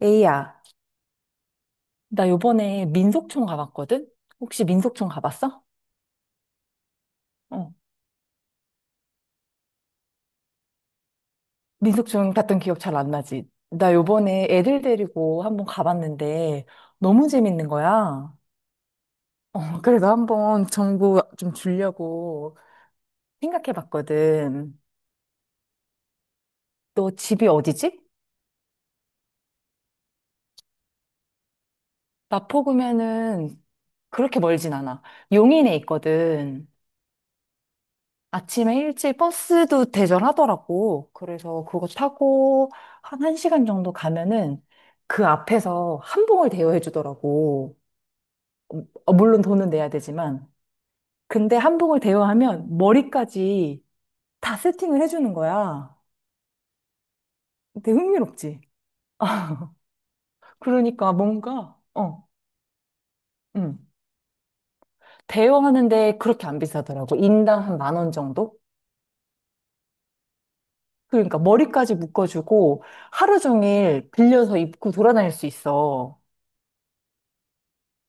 에이야, 나 요번에 민속촌 가봤거든? 혹시 민속촌 가봤어? 어. 민속촌 갔던 기억 잘 안 나지? 나 요번에 애들 데리고 한번 가봤는데 너무 재밌는 거야. 어, 그래서 한번 정보 좀 주려고 생각해 봤거든. 너 집이 어디지? 마포구면은 그렇게 멀진 않아. 용인에 있거든. 아침에 일찍 버스도 대절하더라고. 그래서 그거 타고 한 1시간 정도 가면은 그 앞에서 한복을 대여해 주더라고. 어, 물론 돈은 내야 되지만. 근데 한복을 대여하면 머리까지 다 세팅을 해 주는 거야. 되게 흥미롭지? 그러니까 뭔가, 음. 대여하는데 그렇게 안 비싸더라고. 인당 한 만 원 정도? 그러니까 머리까지 묶어주고 하루 종일 빌려서 입고 돌아다닐 수 있어.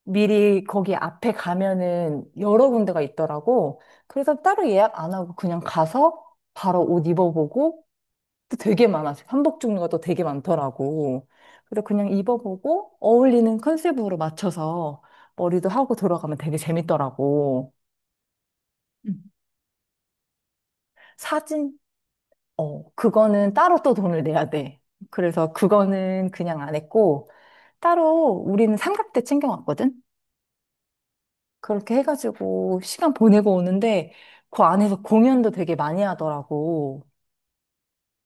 미리 거기 앞에 가면은 여러 군데가 있더라고. 그래서 따로 예약 안 하고 그냥 가서 바로 옷 입어보고 또 되게 많아. 한복 종류가 또 되게 많더라고. 그래서 그냥 입어보고 어울리는 컨셉으로 맞춰서 머리도 하고 들어가면 되게 재밌더라고. 음. 사진? 어, 그거는 따로 또 돈을 내야 돼. 그래서 그거는 그냥 안 했고, 따로 우리는 삼각대 챙겨왔거든? 그렇게 해가지고 시간 보내고 오는데 그 안에서 공연도 되게 많이 하더라고.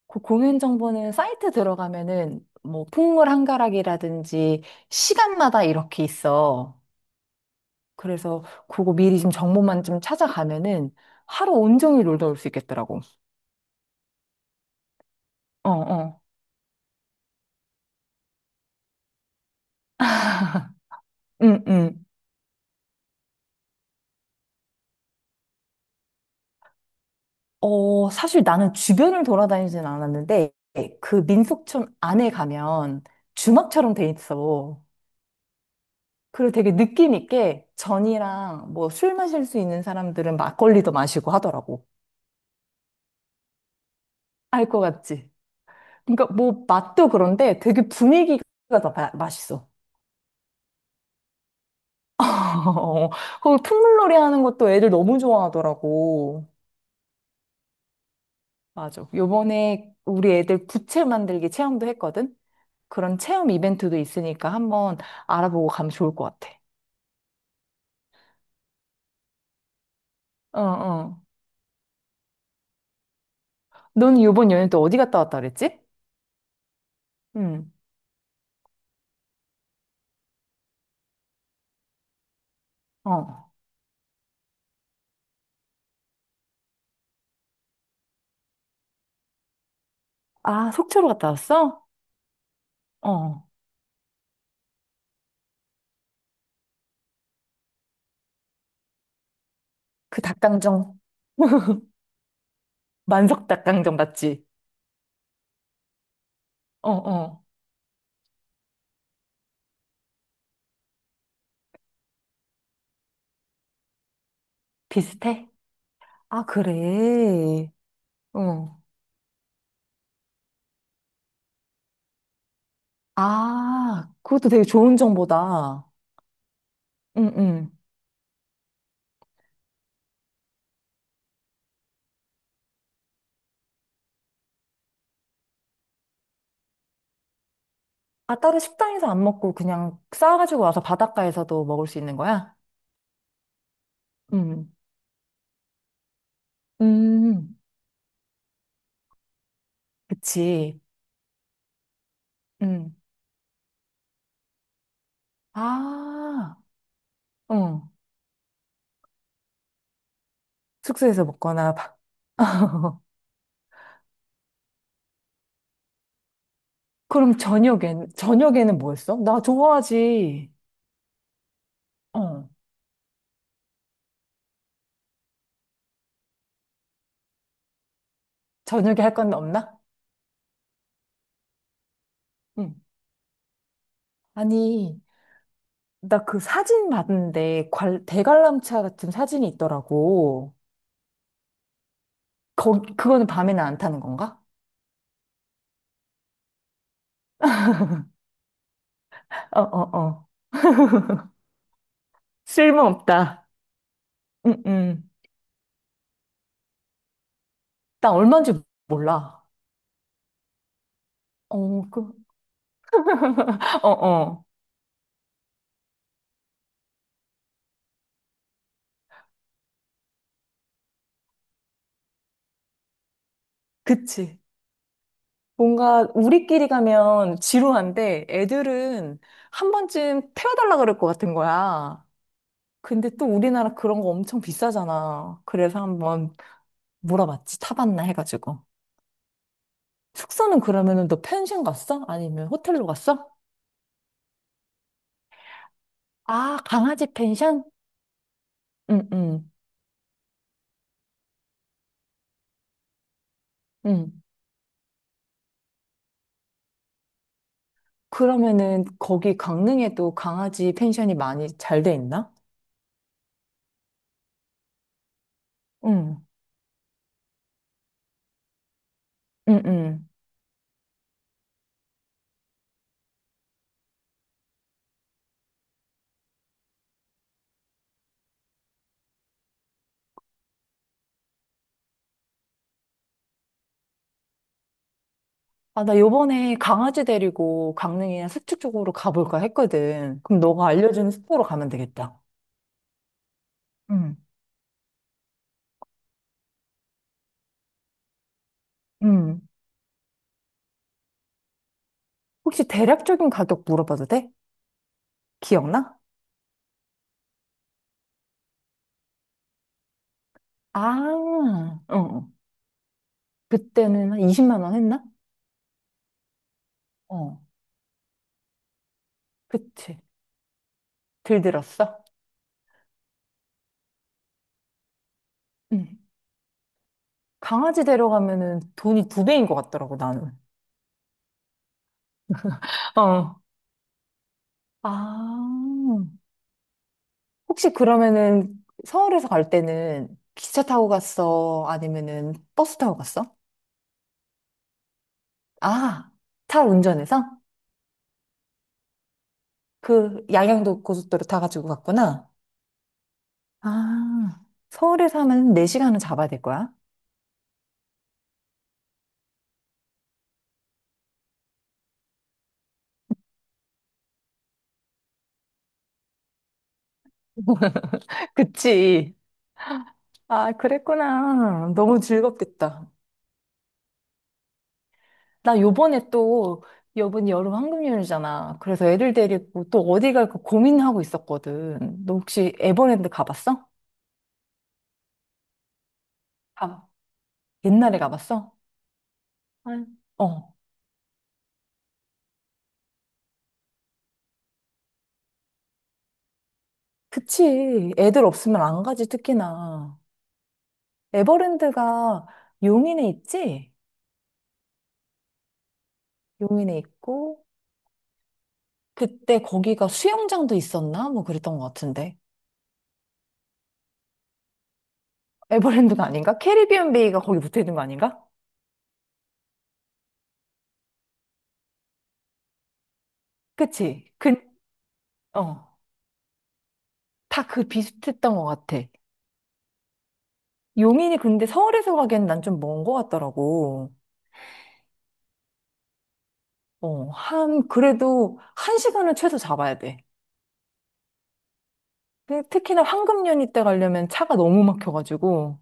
그 공연 정보는 사이트 들어가면은 뭐 풍물 한가락이라든지 시간마다 이렇게 있어. 그래서 그거 미리 좀 정보만 좀 찾아가면은 하루 온종일 놀다 올 수 있겠더라고. 어, 어. 응, 응. 어, 사실 나는 주변을 돌아다니진 않았는데 그 민속촌 안에 가면 주막처럼 돼 있어. 그리고 되게 느낌 있게 전이랑 뭐 술 마실 수 있는 사람들은 막걸리도 마시고 하더라고. 알 것 같지? 그러니까 뭐 맛도 그런데 되게 분위기가 더 맛있어. 그 풍물놀이 하는 것도 애들 너무 좋아하더라고. 맞아. 요번에 우리 애들 부채 만들기 체험도 했거든? 그런 체험 이벤트도 있으니까 한번 알아보고 가면 좋을 것 같아. 어, 어. 넌 요번 연휴 또 어디 갔다 왔다 그랬지? 응. 어. 아, 속초로 갔다 왔어? 어. 그 닭강정. 만석 닭강정 맞지? 어, 어. 비슷해? 아, 그래. 어. 아, 그것도 되게 좋은 정보다. 응, 응. 아, 따로 식당에서 안 먹고 그냥 싸가지고 와서 바닷가에서도 먹을 수 있는 거야? 응. 음, 그치. 응. 아, 어. 숙소에서 먹거나. 바- 그럼 저녁에는 뭐였어 나 좋아하지. 어. 저녁에 할 건 없나? 응. 아니, 나 그 사진 봤는데 대관람차 같은 사진이 있더라고. 그거는 밤에는 안 타는 건가? 어, 어, 어. 쓸모없다. 응, 응. 나 얼마인지 몰라. 어, 어, 어. 그치. 뭔가 우리끼리 가면 지루한데 애들은 한 번쯤 태워달라 그럴 것 같은 거야. 근데 또 우리나라 그런 거 엄청 비싸잖아. 그래서 한번 물어봤지. 타봤나 해가지고. 숙소는 그러면은 너 펜션 갔어? 아니면 호텔로 갔어? 아, 강아지 펜션? 응, 응, 응. 그러면은 거기 강릉에도 강아지 펜션이 많이 잘 돼 있나? 응, 응, 응. 아, 나 요번에 강아지 데리고 강릉이나 서초 쪽으로 가볼까 했거든. 그럼 너가 알려주는 숙소로 가면 되겠다. 응, 응. 혹시 대략적인 가격 물어봐도 돼? 기억나? 아, 어. 어. 그때는 한 20만 원 했나? 어, 그치. 들들었어? 응. 강아지 데려가면은 돈이 두 배인 것 같더라고, 나는. 어. 아. 혹시 그러면은 서울에서 갈 때는 기차 타고 갔어? 아니면은 버스 타고 갔어? 아, 차 운전해서? 그 양양도 고속도로 타가지고 갔구나. 아, 서울에서 하면 4시간은 잡아야 될 거야? 그치. 아, 그랬구나. 너무 즐겁겠다. 나 요번에 또 여분 여름 황금연휴잖아. 그래서 애들 데리고 또 어디 갈까 고민하고 있었거든. 너 혹시 에버랜드 가봤어? 아, 옛날에 가봤어? 아, 어, 그치. 애들 없으면 안 가지, 특히나. 에버랜드가 용인에 있지? 용인에 있고, 그때 거기가 수영장도 있었나? 뭐 그랬던 것 같은데. 에버랜드가 아닌가? 캐리비안 베이가 거기 붙어 있는 거 아닌가? 그치? 어, 다 그 비슷했던 것 같아. 용인이 근데 서울에서 가기엔 난 좀 먼 것 같더라고. 어, 한, 그래도 한 1시간은 최소 잡아야 돼. 특히나 황금연휴 때 가려면 차가 너무 막혀가지고.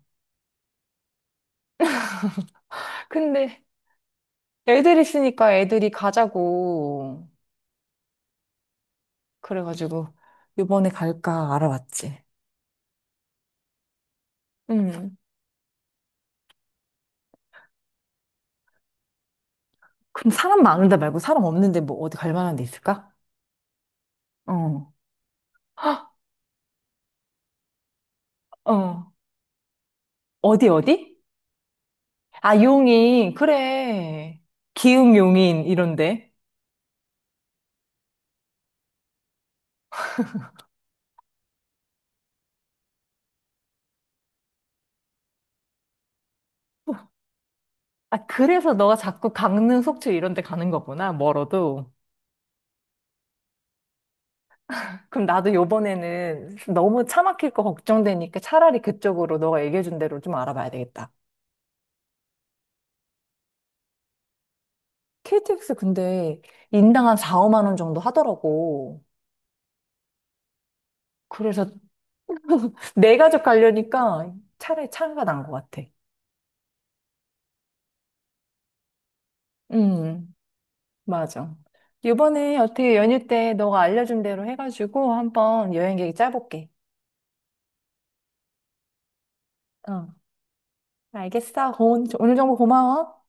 근데 애들 있으니까 애들이 가자고. 그래가지고 이번에 갈까 알아봤지. 음. 그럼 사람 많은 데 말고 사람 없는데 뭐 어디 갈 만한 데 있을까? 어. 어. 어디 어디? 아, 용인. 그래. 기흥 용인 이런데. 아, 그래서 너가 자꾸 강릉, 속초 이런 데 가는 거구나, 멀어도. 그럼 나도 요번에는 너무 차 막힐 거 걱정되니까 차라리 그쪽으로 너가 얘기해준 대로 좀 알아봐야 되겠다. KTX 근데 인당 한 4, 5만 원 정도 하더라고. 그래서 내 가족 가려니까 차라리 차가 난 것 같아. 음, 맞아. 요번에 어떻게 연휴 때 너가 알려준 대로 해가지고 한번 여행 계획 짜볼게. 어, 알겠어. 오늘 정보 고마워.